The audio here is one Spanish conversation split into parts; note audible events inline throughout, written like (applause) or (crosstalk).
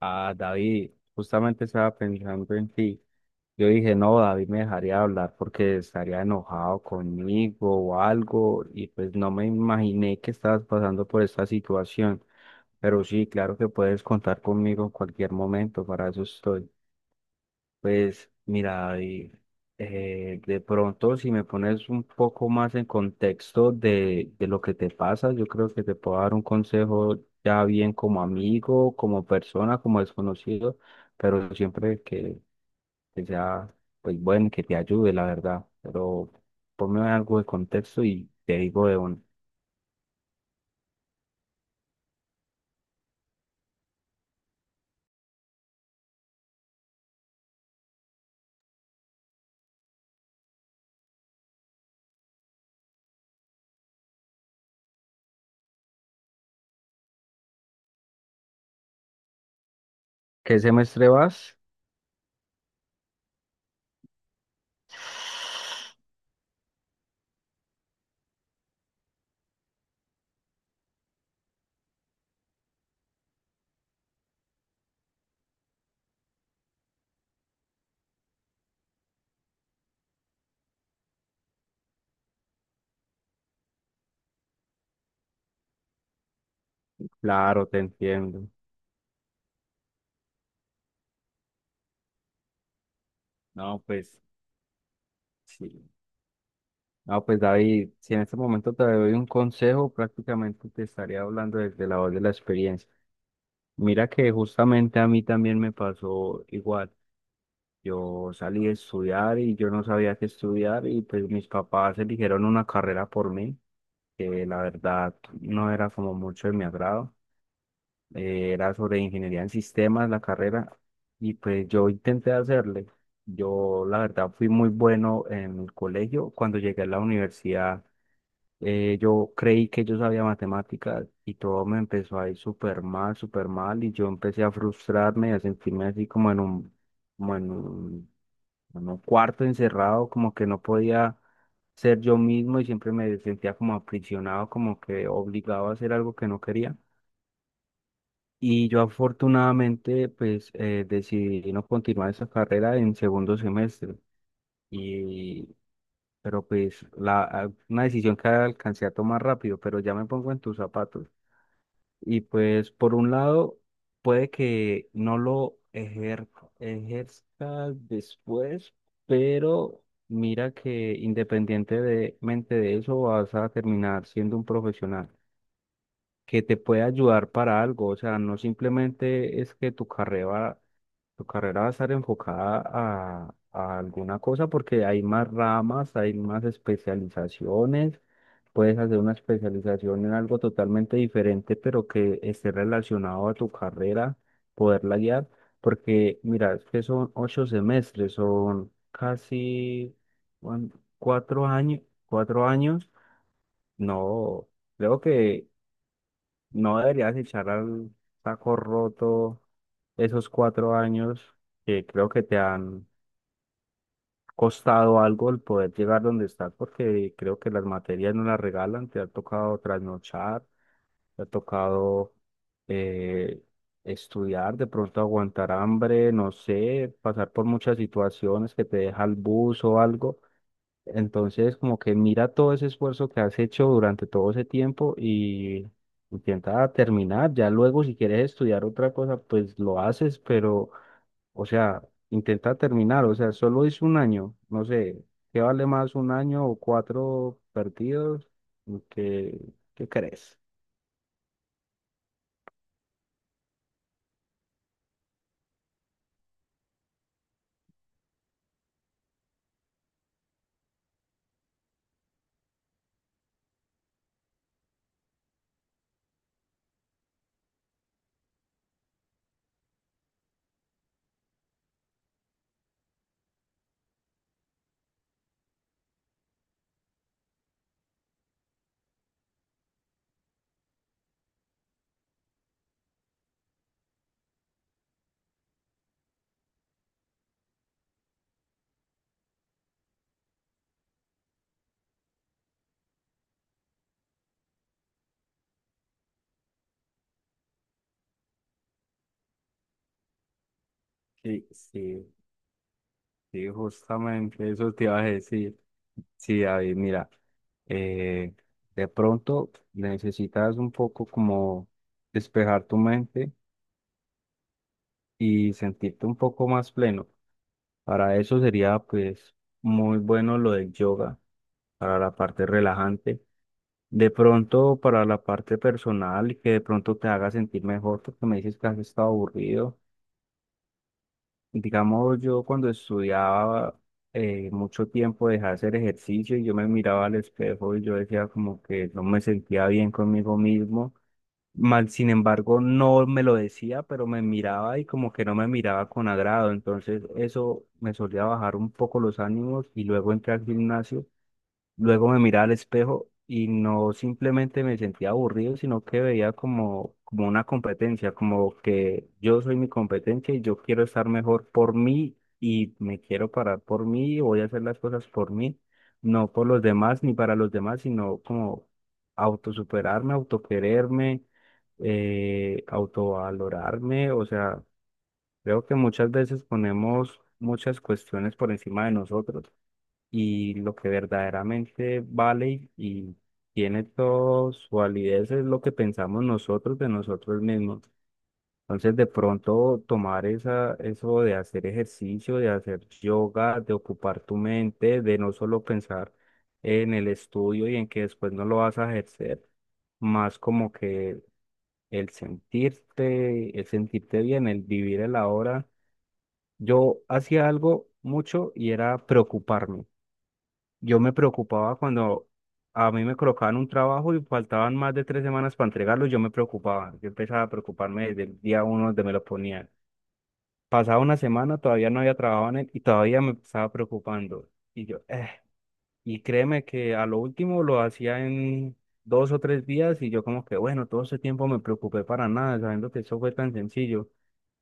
Ah, David, justamente estaba pensando en ti. Yo dije, no, David me dejaría hablar porque estaría enojado conmigo o algo, y pues no me imaginé que estabas pasando por esta situación. Pero sí, claro que puedes contar conmigo en cualquier momento, para eso estoy. Pues mira, y, de pronto si me pones un poco más en contexto de lo que te pasa, yo creo que te puedo dar un consejo ya bien como amigo, como persona, como desconocido, pero siempre que sea pues bueno, que te ayude, la verdad. Pero ponme algo de contexto y te digo de un. ¿Qué semestre vas? Claro, te entiendo. No, pues sí. Ah, pues David, si en este momento te doy un consejo, prácticamente te estaría hablando desde la voz de la experiencia. Mira que justamente a mí también me pasó igual. Yo salí a estudiar y yo no sabía qué estudiar y pues mis papás eligieron una carrera por mí, que la verdad no era como mucho de mi agrado. Era sobre ingeniería en sistemas, la carrera, y pues yo intenté hacerle. Yo, la verdad, fui muy bueno en el colegio. Cuando llegué a la universidad, yo creí que yo sabía matemáticas y todo me empezó a ir súper mal, y yo empecé a frustrarme y a sentirme así como en un cuarto encerrado, como que no podía ser yo mismo y siempre me sentía como aprisionado, como que obligado a hacer algo que no quería. Y yo afortunadamente pues decidí no continuar esa carrera en segundo semestre. Y, pero pues una decisión que alcancé a tomar rápido, pero ya me pongo en tus zapatos. Y pues por un lado puede que no lo ejerzas después, pero mira que independientemente de eso vas a terminar siendo un profesional que te puede ayudar para algo, o sea, no simplemente es que tu carrera va a estar enfocada a alguna cosa porque hay más ramas, hay más especializaciones. Puedes hacer una especialización en algo totalmente diferente, pero que esté relacionado a tu carrera, poderla guiar. Porque mira, es que son 8 semestres, son casi cuan- cuatro años, 4 años. No, creo que no deberías echar al saco roto esos 4 años que creo que te han costado algo el poder llegar donde estás, porque creo que las materias no las regalan, te ha tocado trasnochar, te ha tocado eh, estudiar, de pronto aguantar hambre, no sé, pasar por muchas situaciones que te deja el bus o algo, entonces, como que mira todo ese esfuerzo que has hecho durante todo ese tiempo y intenta terminar. Ya luego, si quieres estudiar otra cosa, pues lo haces, pero, o sea, intenta terminar. O sea, solo es un año. No sé, ¿qué vale más un año o cuatro perdidos? ¿Qué, qué crees? Sí, sí, sí, justamente eso te iba a decir. Sí, David, mira, eh, de pronto necesitas un poco como despejar tu mente y sentirte un poco más pleno. Para eso sería pues muy bueno lo del yoga, para la parte relajante. De pronto para la parte personal y que de pronto te haga sentir mejor porque me dices que has estado aburrido. Digamos, yo cuando estudiaba mucho tiempo dejé de hacer ejercicio y yo me miraba al espejo y yo decía como que no me sentía bien conmigo mismo. Mal, sin embargo, no me lo decía, pero me miraba y como que no me miraba con agrado. Entonces eso me solía bajar un poco los ánimos y luego entré al gimnasio. Luego me miraba al espejo y no simplemente me sentía aburrido, sino que veía como una competencia, como que yo soy mi competencia y yo quiero estar mejor por mí y me quiero parar por mí y voy a hacer las cosas por mí, no por los demás ni para los demás, sino como autosuperarme, autoquererme, autovalorarme. O sea, creo que muchas veces ponemos muchas cuestiones por encima de nosotros y lo que verdaderamente vale y tiene toda su validez es lo que pensamos nosotros de nosotros mismos. Entonces, de pronto tomar eso de hacer ejercicio, de hacer yoga, de ocupar tu mente, de no solo pensar en el estudio y en que después no lo vas a ejercer, más como que el sentirte bien, el vivir el ahora. Yo hacía algo mucho y era preocuparme. Yo me preocupaba cuando a mí me colocaban un trabajo y faltaban más de 3 semanas para entregarlo, yo me preocupaba. Yo empezaba a preocuparme desde el día uno donde me lo ponían. Pasaba una semana, todavía no había trabajado en él y todavía me estaba preocupando. Y yo. Y créeme que a lo último lo hacía en 2 o 3 días y yo como que, bueno, todo ese tiempo me preocupé para nada, sabiendo que eso fue tan sencillo.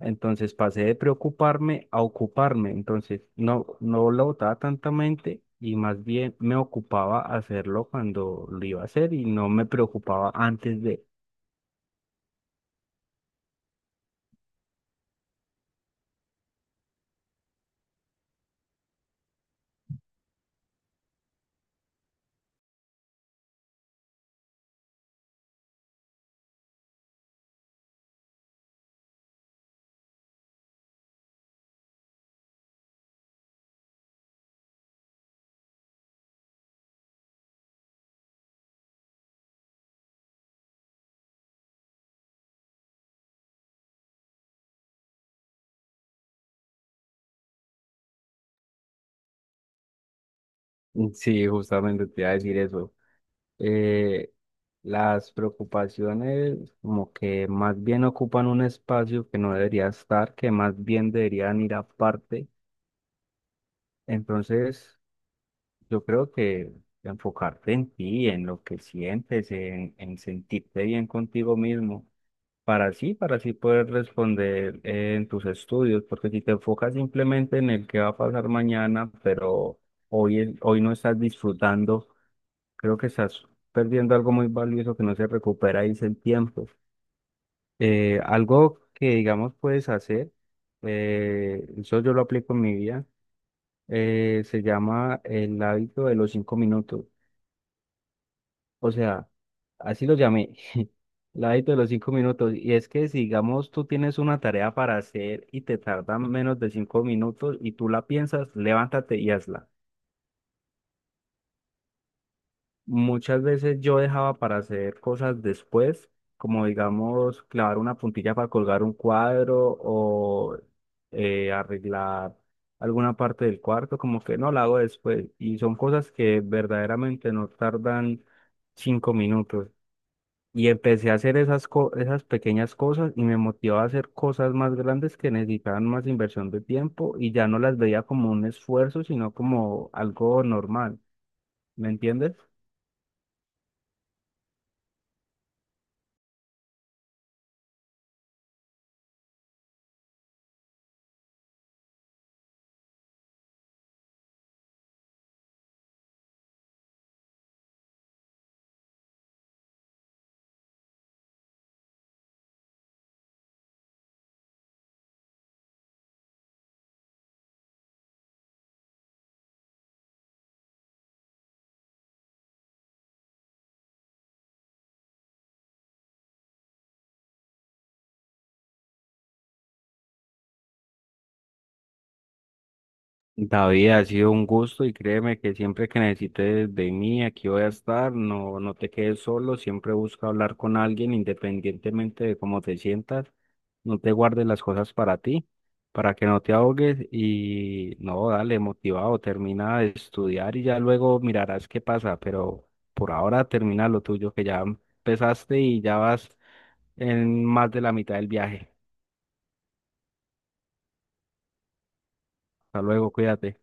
Entonces pasé de preocuparme a ocuparme. Entonces no, no lo botaba tantamente y más bien me ocupaba hacerlo cuando lo iba a hacer y no me preocupaba antes de. (laughs) Sí, justamente te iba a decir eso. Eh, las preocupaciones como que más bien ocupan un espacio que no debería estar, que más bien deberían ir aparte. Entonces. Yo creo que enfocarte en ti, en lo que sientes, en sentirte bien contigo mismo, para así poder responder en tus estudios, porque si te enfocas simplemente en el que va a pasar mañana, pero hoy, hoy no estás disfrutando, creo que estás perdiendo algo muy valioso que no se recupera y es el tiempo. Algo que, digamos, puedes hacer, eso yo lo aplico en mi vida, se llama el hábito de los 5 minutos. O sea, así lo llamé, (laughs) el hábito de los cinco minutos. Y es que, si, digamos, tú tienes una tarea para hacer y te tardan menos de 5 minutos y tú la piensas, levántate y hazla. Muchas veces yo dejaba para hacer cosas después, como, digamos, clavar una puntilla para colgar un cuadro o arreglar alguna parte del cuarto, como que no la hago después. Y son cosas que verdaderamente no tardan 5 minutos. Y empecé a hacer esas pequeñas cosas y me motivó a hacer cosas más grandes que necesitaban más inversión de tiempo y ya no las veía como un esfuerzo, sino como algo normal. ¿Me entiendes? David, ha sido un gusto y créeme que siempre que necesites de mí, aquí voy a estar, no, no te quedes solo, siempre busca hablar con alguien independientemente de cómo te sientas, no te guardes las cosas para ti, para que no te ahogues y no, dale, motivado, termina de estudiar y ya luego mirarás qué pasa, pero por ahora termina lo tuyo que ya empezaste y ya vas en más de la mitad del viaje. Hasta luego, cuídate.